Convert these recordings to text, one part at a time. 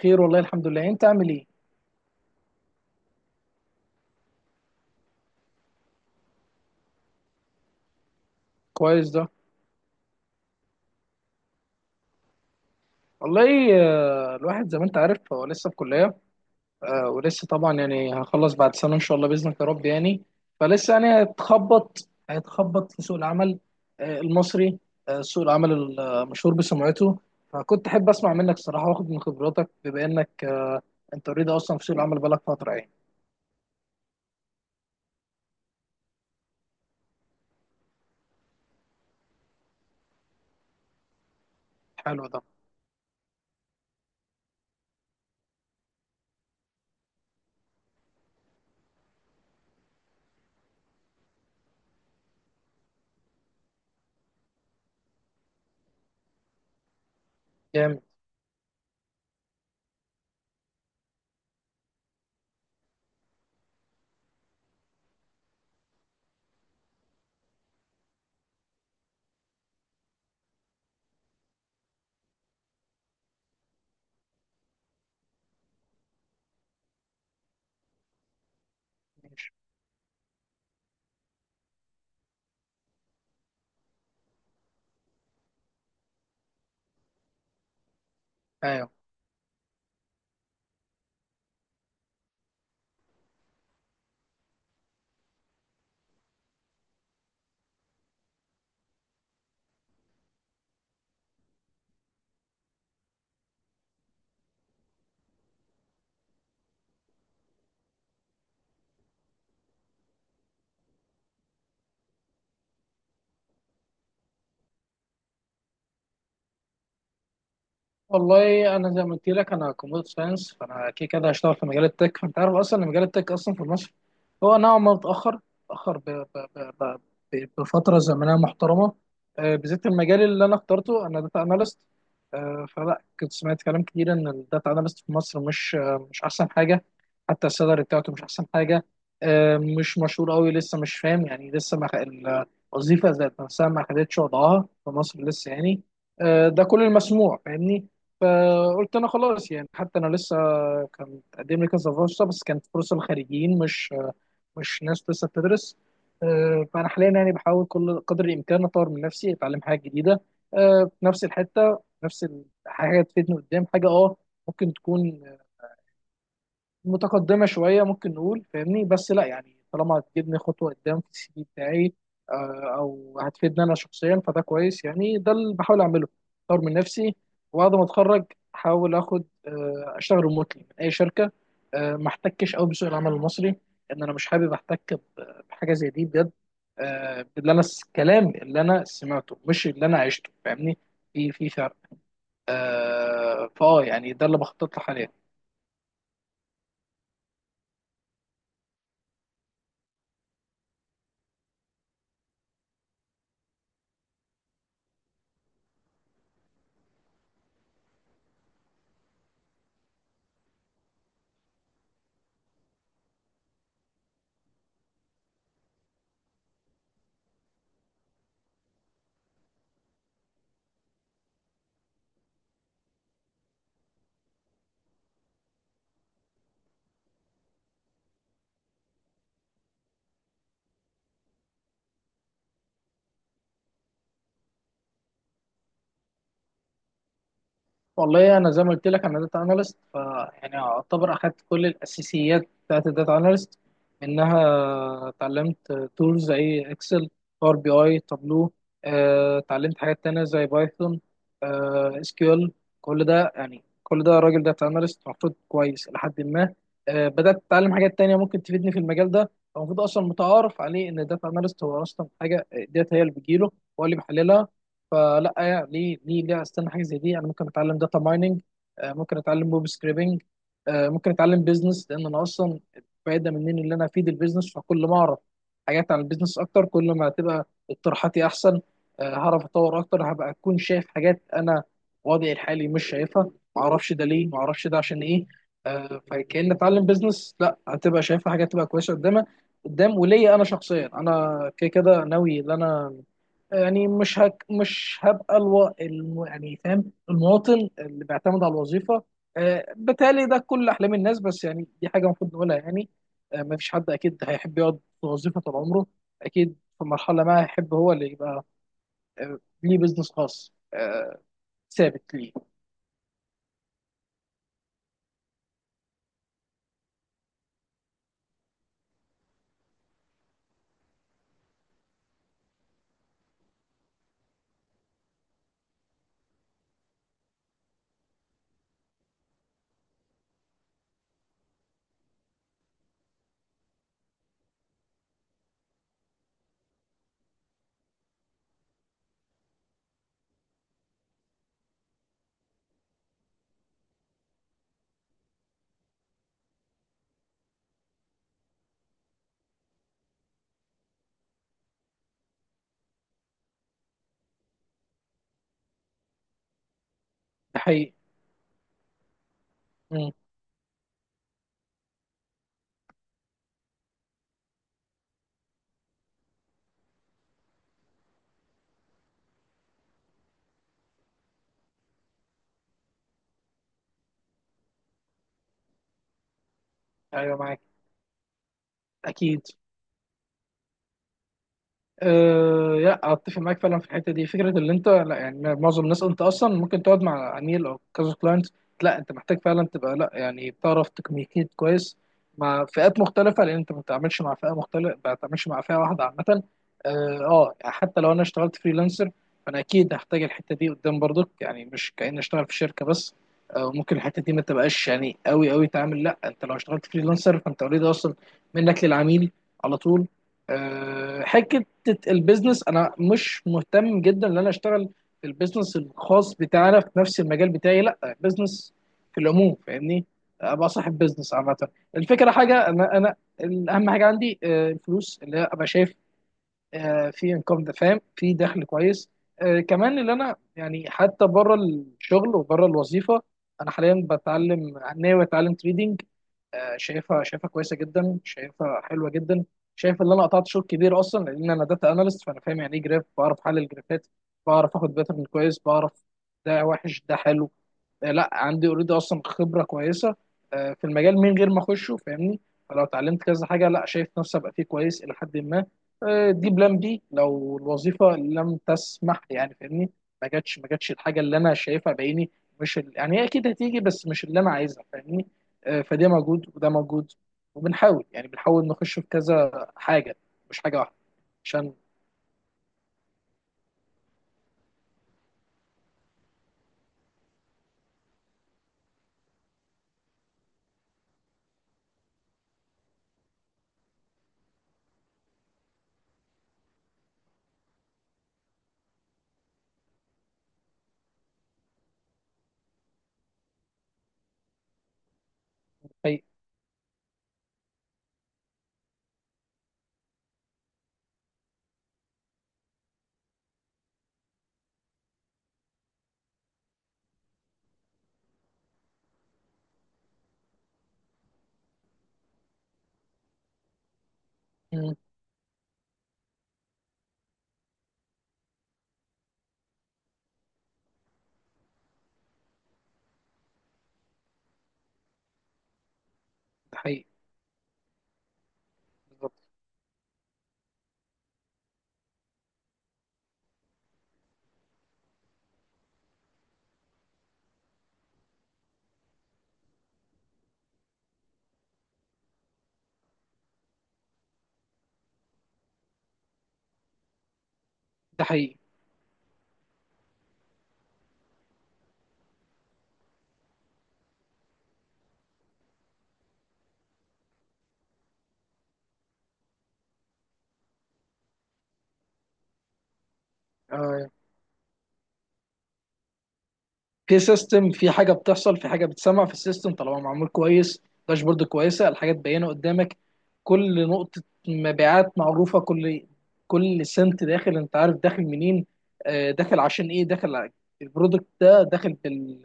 خير والله الحمد لله. انت عامل ايه؟ كويس ده والله. الواحد زي ما انت عارف هو لسه في كلية. ولسه طبعا يعني هخلص بعد سنة ان شاء الله بإذنك يا رب يعني. فلسه يعني هيتخبط في سوق العمل المصري، سوق العمل المشهور بسمعته. فكنت احب اسمع منك الصراحة واخد من خبراتك بما انك انت اوريدي اصلا في سوق العمل بقالك فترة يعني. حلو ده. جامد. ماشي. ايوه. والله انا زي ما قلت لك انا كمبيوتر ساينس، فانا كده كده هشتغل في مجال التك. فانت عارف اصلا ان مجال التك اصلا في مصر هو نوعا ما متاخر، متاخر ب... ب... بفتره زمنيه محترمه. بالذات المجال اللي انا اخترته انا داتا اناليست. فلا، كنت سمعت كلام كتير ان الداتا اناليست في مصر مش مش احسن حاجه. حتى السالري بتاعته مش احسن حاجه. مش مشهور قوي لسه، مش فاهم يعني لسه ما خ- الوظيفه ذات نفسها ما خدتش وضعها في مصر لسه يعني. ده كل المسموع فاهمني. فقلت انا خلاص يعني، حتى انا لسه كان تقدم لي كذا فرصه بس كانت فرصه للخريجين، مش ناس لسه بتدرس. فانا حاليا يعني بحاول كل قدر الامكان اطور من نفسي، اتعلم حاجه جديده في نفس الحته، حاجه تفيدني قدام، حاجه اه ممكن تكون متقدمه شويه ممكن نقول فاهمني، بس لا يعني طالما هتجيبني خطوه قدام في السي في بتاعي او هتفيدني انا شخصيا فده كويس يعني. ده اللي بحاول اعمله، اطور من نفسي. وبعد ما اتخرج احاول اخد اشتغل ريموتلي من اي شركه ما احتكش قوي بسوق العمل المصري، لان انا مش حابب احتك بحاجه زي دي بجد. آه، اللي انا الكلام اللي انا سمعته مش اللي انا عشته فاهمني، في فرق. فاه يعني ده اللي بخطط له حاليا. والله انا زي ما قلت لك انا داتا اناليست، ف يعني اعتبر اخدت كل الاساسيات بتاعت الداتا اناليست منها. اتعلمت تولز زي اكسل، باور بي اي، تابلو. اتعلمت حاجات تانية زي بايثون، اس كيو ال. كل ده يعني، كل ده راجل داتا اناليست المفروض كويس الى حد ما. بدات اتعلم حاجات تانية ممكن تفيدني في المجال ده. المفروض اصلا متعارف عليه ان الداتا اناليست هو اصلا حاجه ديت هي اللي بتجيله، هو اللي بيحللها. فلا يعني ليه استنى حاجه زي دي. انا ممكن اتعلم داتا مايننج، ممكن اتعلم ويب سكريبنج، ممكن اتعلم بيزنس، لان انا اصلا فايده مني ان انا افيد البيزنس. فكل ما اعرف حاجات عن البيزنس اكتر، كل ما هتبقى اقتراحاتي احسن. هعرف اتطور اكتر، هبقى اكون شايف حاجات انا وضعي الحالي مش شايفها. ما اعرفش ده ليه، ما اعرفش ده عشان ايه. فكأن اتعلم بيزنس لا هتبقى شايفها حاجات تبقى كويسه قدامها قدام. وليا انا شخصيا انا كده كده ناوي ان انا يعني مش هبقى يعني فاهم، المواطن اللي بيعتمد على الوظيفه. آه بالتالي ده كل احلام الناس، بس يعني دي حاجه المفروض نقولها يعني. آه ما فيش حد اكيد هيحب يقعد في وظيفه طول عمره، اكيد في مرحله ما هيحب هو اللي يبقى آه ليه بيزنس خاص، آه ثابت ليه. ده حقيقي. مم. ايوه معاك، اكيد. أه لا، اتفق معاك فعلا في الحته دي. فكره اللي انت لا يعني معظم الناس، انت اصلا ممكن تقعد مع عميل او كذا كلاينت، لا انت محتاج فعلا تبقى لا يعني بتعرف تكميكيت كويس مع فئات مختلفه، لان انت ما بتتعاملش مع فئه مختلفه، ما بتتعاملش مع فئه واحده عامه. اه. يعني حتى لو انا اشتغلت فريلانسر فانا اكيد هحتاج الحته دي قدام برضك يعني، مش كأني اشتغل في شركه بس. أه ممكن الحته دي ما تبقاش يعني قوي قوي تعامل، لا انت لو اشتغلت فريلانسر فانت اوريدي اصلا منك للعميل على طول. آه، حته حته البيزنس، انا مش مهتم جدا ان انا اشتغل في البيزنس الخاص بتاعنا في نفس المجال بتاعي، لا بيزنس في العموم فاهمني. ابقى صاحب بيزنس عامه. الفكره حاجه انا اهم حاجه عندي الفلوس، اللي هي ابقى شايف في انكم ده فاهم، في دخل كويس. كمان اللي انا يعني حتى بره الشغل وبره الوظيفه، انا حاليا بتعلم ناوي اتعلم تريدينج. شايفها كويسه جدا، شايفها حلوه جدا. شايف ان انا قطعت شوط كبير اصلا، لان انا داتا اناليست فانا فاهم يعني ايه جراف، بعرف احلل جرافات، بعرف اخد باترن كويس، بعرف ده وحش ده حلو. لا عندي اوريدي اصلا خبره كويسه في المجال من غير ما اخشه فاهمني. فلو اتعلمت كذا حاجه لا شايف نفسي ابقى فيه كويس الى حد ما. دي بلان بي لو الوظيفه لم تسمح يعني فاهمني، ما جاتش الحاجه اللي انا شايفها بعيني. مش ال... يعني هي اكيد هتيجي بس مش اللي انا عايزها فاهمني. فده موجود وده موجود، وبنحاول يعني بنحاول نخش في كذا حاجه مش حاجه واحده عشان حقيقي. مم. ده حقيقي. بالظبط. ده حقيقي. آه، في سيستم، في حاجه بتحصل في حاجه بتسمع في السيستم طالما معمول كويس، داشبورد كويسه، الحاجات باينه قدامك، كل نقطه مبيعات معروفه، كل سنت داخل انت عارف داخل منين، داخل عشان ايه، البرودكت ده داخل بال...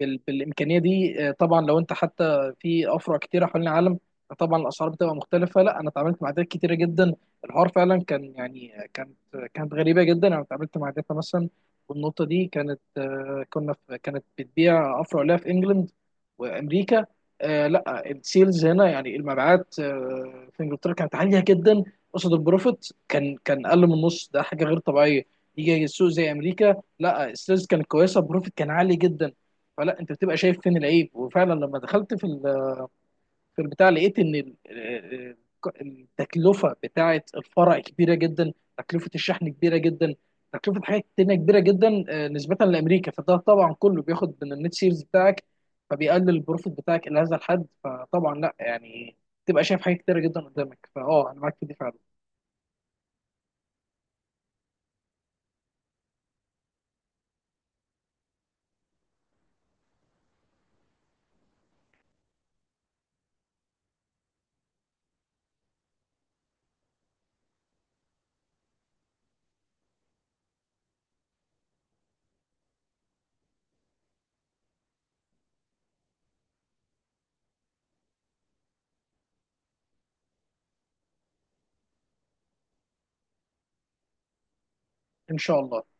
بال... بالامكانيه دي. طبعا لو انت حتى في افرع كتيره حوالين العالم طبعا الاسعار بتبقى مختلفه. لا انا اتعاملت مع عادات كتيره جدا، الحوار فعلا كان يعني كانت غريبه جدا. انا اتعاملت مع داتا مثلا، والنقطة دي كانت آه، كنا في كانت بتبيع أفرع لها في إنجلند وأمريكا. لا السيلز هنا يعني المبيعات في إنجلترا كانت عالية جدا، قصاد البروفيت كان أقل من النص، ده حاجة غير طبيعية. يجي السوق زي أمريكا لا السيلز كانت كويسة، البروفيت كان عالي جدا. فلا أنت بتبقى شايف فين العيب. وفعلا لما دخلت في في البتاع لقيت ان التكلفه بتاعه الفرع كبيره جدا، تكلفه الشحن كبيره جدا، تكلفه حاجات تانية كبيره جدا نسبه لامريكا. فده طبعا كله بياخد من النت سيرز بتاعك، فبيقلل البروفيت بتاعك الى هذا الحد. فطبعا لا يعني تبقى شايف حاجات كتيره جدا قدامك. فاه انا معاك في دي فعلا ان شاء الله.